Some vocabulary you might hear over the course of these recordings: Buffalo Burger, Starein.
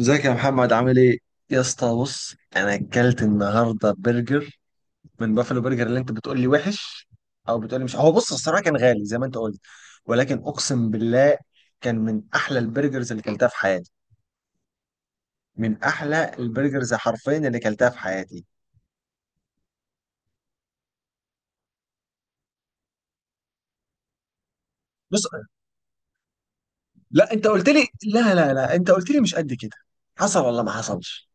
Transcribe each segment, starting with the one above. ازيك يا محمد عامل ايه؟ يا اسطى بص، انا اكلت النهارده برجر من بافلو برجر اللي انت بتقول لي وحش، او بتقول لي مش هو. بص، الصراحه كان غالي زي ما انت قلت، ولكن اقسم بالله كان من احلى البرجرز اللي كلتها في حياتي. من احلى البرجرز حرفيا اللي كلتها في حياتي. بص لا، انت قلت لي، لا لا لا، انت قلت لي مش قد كده. حصل ولا ما حصلش؟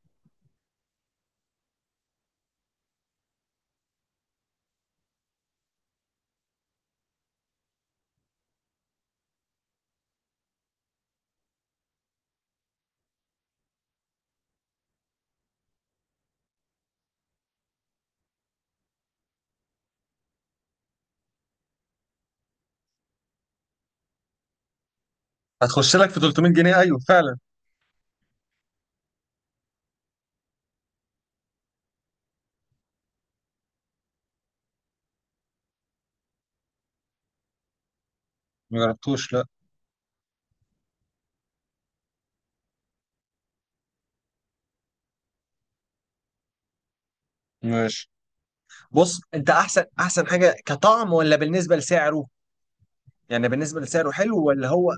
هتخش لك في 300 جنيه، ايوه فعلا. ما جربتوش لا. ماشي. بص، انت احسن حاجه كطعم، ولا بالنسبه لسعره؟ يعني بالنسبة لسعره حلو، ولا هو؟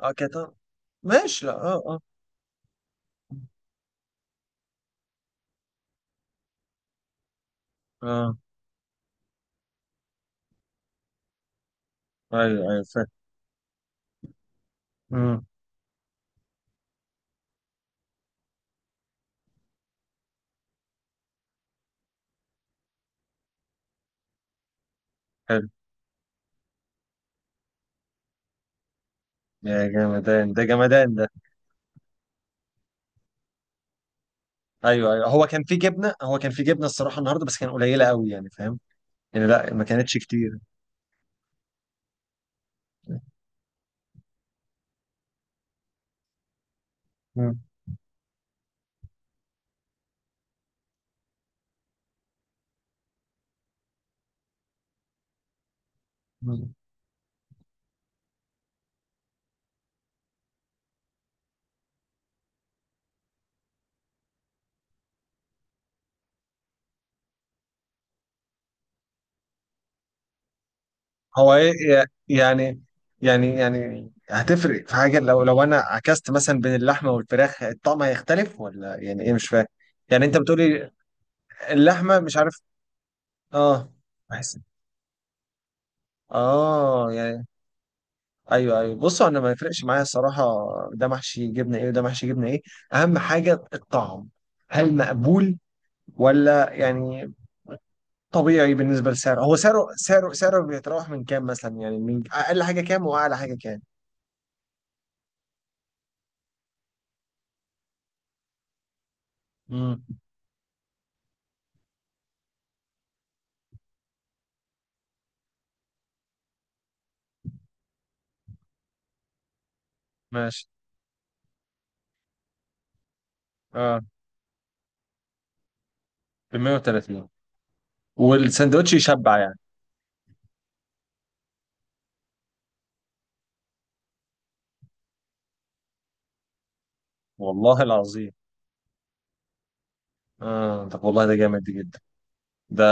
اه كده. ماشي، لا، اه، اه. اه، ايوه ايوه فاهم. مم، حلو. يا جمدان ده جمدان ده. ايوه ايوه، هو كان في جبنة، هو كان في جبنة الصراحة النهاردة، بس كان قليلة قوي يعني، فاهم؟ يعني لا، ما كانتش كتير. مم، مم. هو ايه يعني؟ يعني هتفرق في حاجة لو انا عكست مثلا بين اللحمة والفراخ، الطعم هيختلف ولا يعني ايه؟ مش فاهم يعني انت بتقولي. اللحمة مش عارف. اه، بحس. اه يعني. ايوه ايوه، بصوا انا ما يفرقش معايا الصراحه، ده محشي جبنه ايه وده محشي جبنه ايه. اهم حاجه الطعم. هل مقبول ولا يعني طبيعي بالنسبه لسعره؟ هو سعره بيتراوح من كام مثلا، يعني من اقل حاجه كام واعلى حاجه كام؟ امم ماشي. اه، ب 130؟ والساندوتش يشبع يعني؟ والله العظيم. اه طب والله ده جامد جدا. ده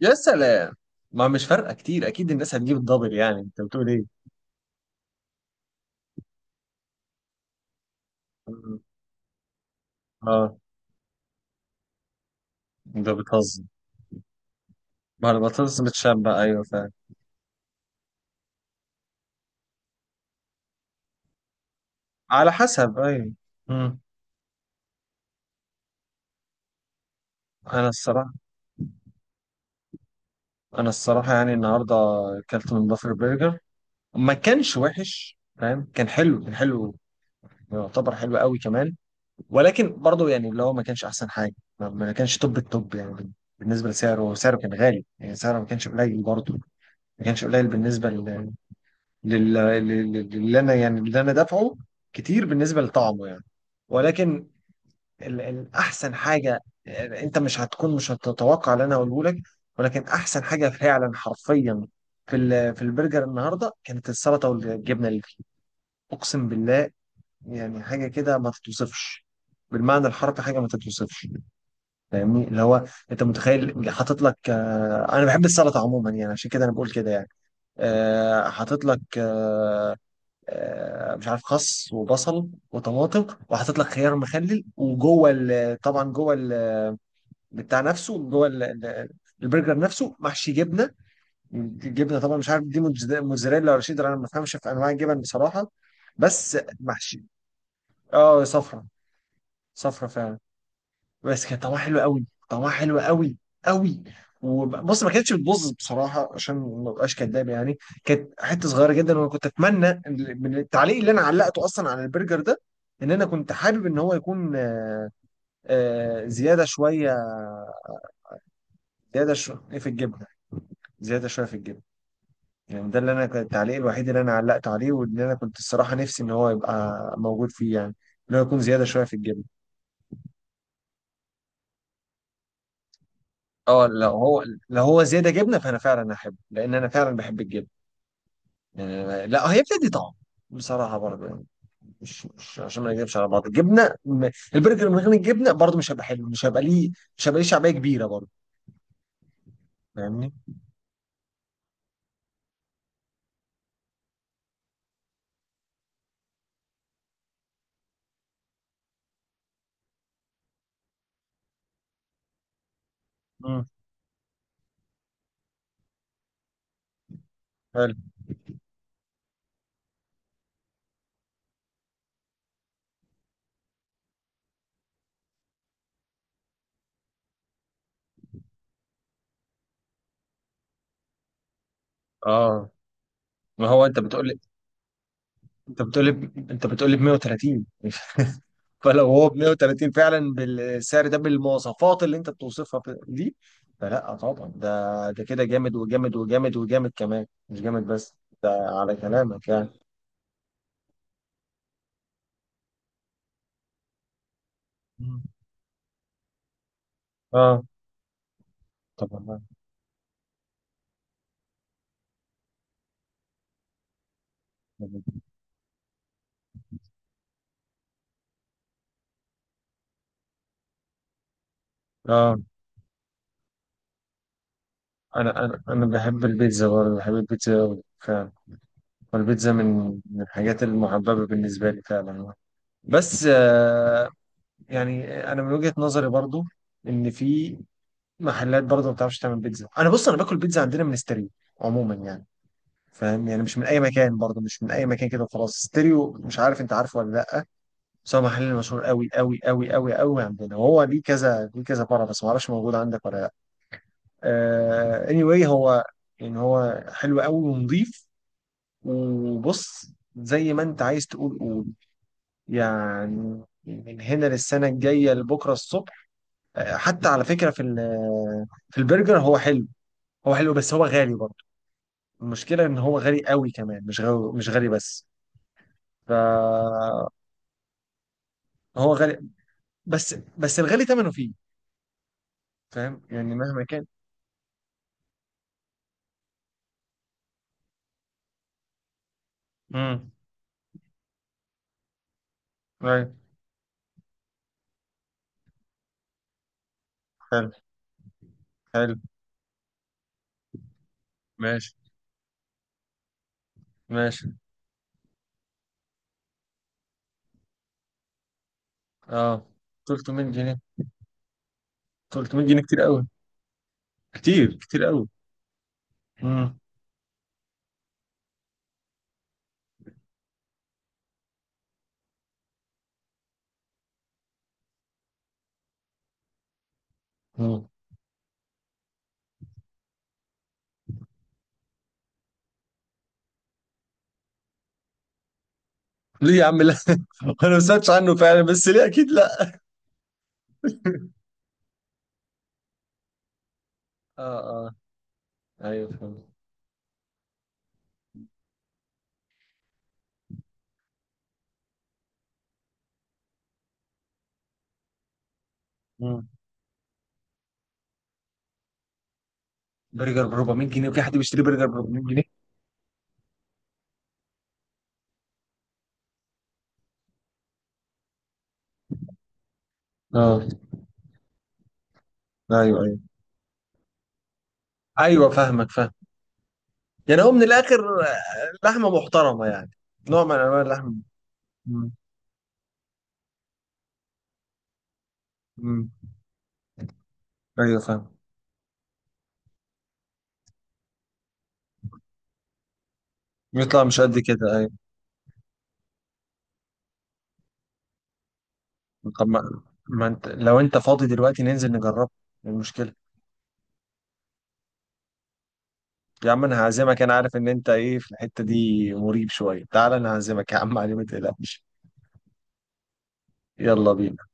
يا سلام. ما مش فارقه كتير، اكيد الناس هتجيب الدبل، يعني انت بتقول ايه؟ مم. اه، ده بتهزر. ما البطاطس متشبع، أيوة فعلا. على حسب، أيوة. مم. أنا الصراحة. أنا الصراحة يعني النهاردة أكلت من بافر برجر. ما كانش وحش فاهم، كان حلو، كان حلو، يعتبر حلو قوي كمان. ولكن برضه يعني اللي هو ما كانش أحسن حاجة، ما كانش توب التوب يعني. بالنسبة لسعره، سعره كان غالي يعني، سعره ما كانش قليل برضه، ما كانش قليل بالنسبة للي أنا يعني، اللي أنا دافعه كتير بالنسبة لطعمه يعني. ولكن احسن حاجه، انت مش هتكون، مش هتتوقع اللي انا هقوله لك. ولكن احسن حاجه فعلا حرفيا في في البرجر النهارده كانت السلطه والجبنه اللي فيه. اقسم بالله يعني حاجه كده ما تتوصفش، بالمعنى الحرفي حاجه ما تتوصفش. فاهمني؟ اللي هو انت متخيل حاطط لك، انا بحب السلطه عموما يعني، عشان كده انا بقول كده يعني. آه، حاطط لك آه، آه، مش عارف، خس وبصل وطماطم، وحاطط لك خيار مخلل، وجوه طبعا جوه بتاع نفسه، جوه البرجر نفسه محشي جبنه. جبنه طبعا مش عارف دي موتزاريلا ولا شيدر، انا ما بفهمش في انواع الجبن بصراحه، بس محشي. اه صفرة، صفرة فعلا. بس كان طعمها حلو قوي، طعمها حلو قوي قوي. وبص، ما كانتش بتبوظ بصراحه عشان ما ابقاش كداب يعني. كانت حته صغيره جدا، وانا كنت اتمنى من التعليق اللي انا علقته اصلا على البرجر ده، ان انا كنت حابب ان هو يكون، زياده شويه. زياده شويه في الجبنه، زياده شويه في الجبنه. يعني ده اللي انا كان التعليق الوحيد اللي انا علقت عليه، وان انا كنت الصراحه نفسي ان هو يبقى موجود فيه يعني، ان هو يكون زياده شويه في الجبنه. اه لو هو، لو هو زياده جبنه فانا فعلا احبه، لان انا فعلا بحب الجبنه. يعني أنا، لا هي بتدي طعم بصراحه برضه يعني، مش عشان ما نكذبش على بعض. الجبنه، البرجر من غير الجبنه برضه مش هيبقى حلو، مش هيبقى ليه، مش هيبقى ليه شعبيه كبيره برضه. فاهمني؟ امم حلو. اه، ما هو انت بتقول لي، انت بتقول لي انت بتقول لي ب 130، فلو هو ب 130 فعلا بالسعر ده، بالمواصفات اللي انت بتوصفها دي، فلا طبعا ده، ده كده جامد وجامد وجامد وجامد كمان، مش جامد بس. ده على كلامك يعني. مم. اه طبعا. اه آه. انا بحب البيتزا برضه، بحب البيتزا أوي فعلا. والبيتزا من من الحاجات المحببة بالنسبة لي فعلا. بس آه، يعني انا من وجهة نظري برضه، ان في محلات برضه ما بتعرفش تعمل بيتزا. انا بص، انا باكل بيتزا عندنا من ستارين عموما يعني، فاهم يعني؟ مش من اي مكان برضه، مش من اي مكان كده وخلاص. ستيريو، مش عارف انت عارفه ولا لا؟ بس هو محل مشهور قوي قوي قوي قوي قوي عندنا، وهو ليه كذا ليه كذا فرع، بس ما اعرفش موجود عندك ولا لا. Anyway هو يعني هو حلو قوي ونظيف. وبص، زي ما انت عايز تقول قول، يعني من هنا للسنه الجايه لبكره الصبح. حتى على فكره في في البرجر هو حلو، هو حلو بس هو غالي برضه. المشكله ان هو غالي قوي كمان، مش غالي، مش غالي بس. ف هو غالي، بس بس الغالي ثمنه فيه، فاهم يعني؟ مهما كان. امم ايوه. حلو حلو. ماشي ماشي. اه، 300 جنيه. 300 جنيه كتير قوي، كتير قوي. امم. أمم. ليه يا عم؟ لا، انا ما سمعتش عنه فعلا، بس ليه اكيد لا. اه اه، ايوه فهمت. أمم. برجر ب 400 جنيه؟ وفي حد بيشتري برجر ب 400 جنيه؟ اه، ايوه ايوه ايوه فاهمك، فاهم. يعني هو من الاخر، لحمه محترمه يعني، نوع من انواع اللحم. أمم. أمم. ايوه فاهم. بيطلع مش قد كده، ايوه. طب ما، ما انت لو انت فاضي دلوقتي ننزل نجربه. إيه المشكلة؟ يا عم انا هعزمك، انا عارف ان انت ايه في الحتة دي مريب شوية، تعال انا هعزمك يا عم علي، ما تقلقش. يلا بينا.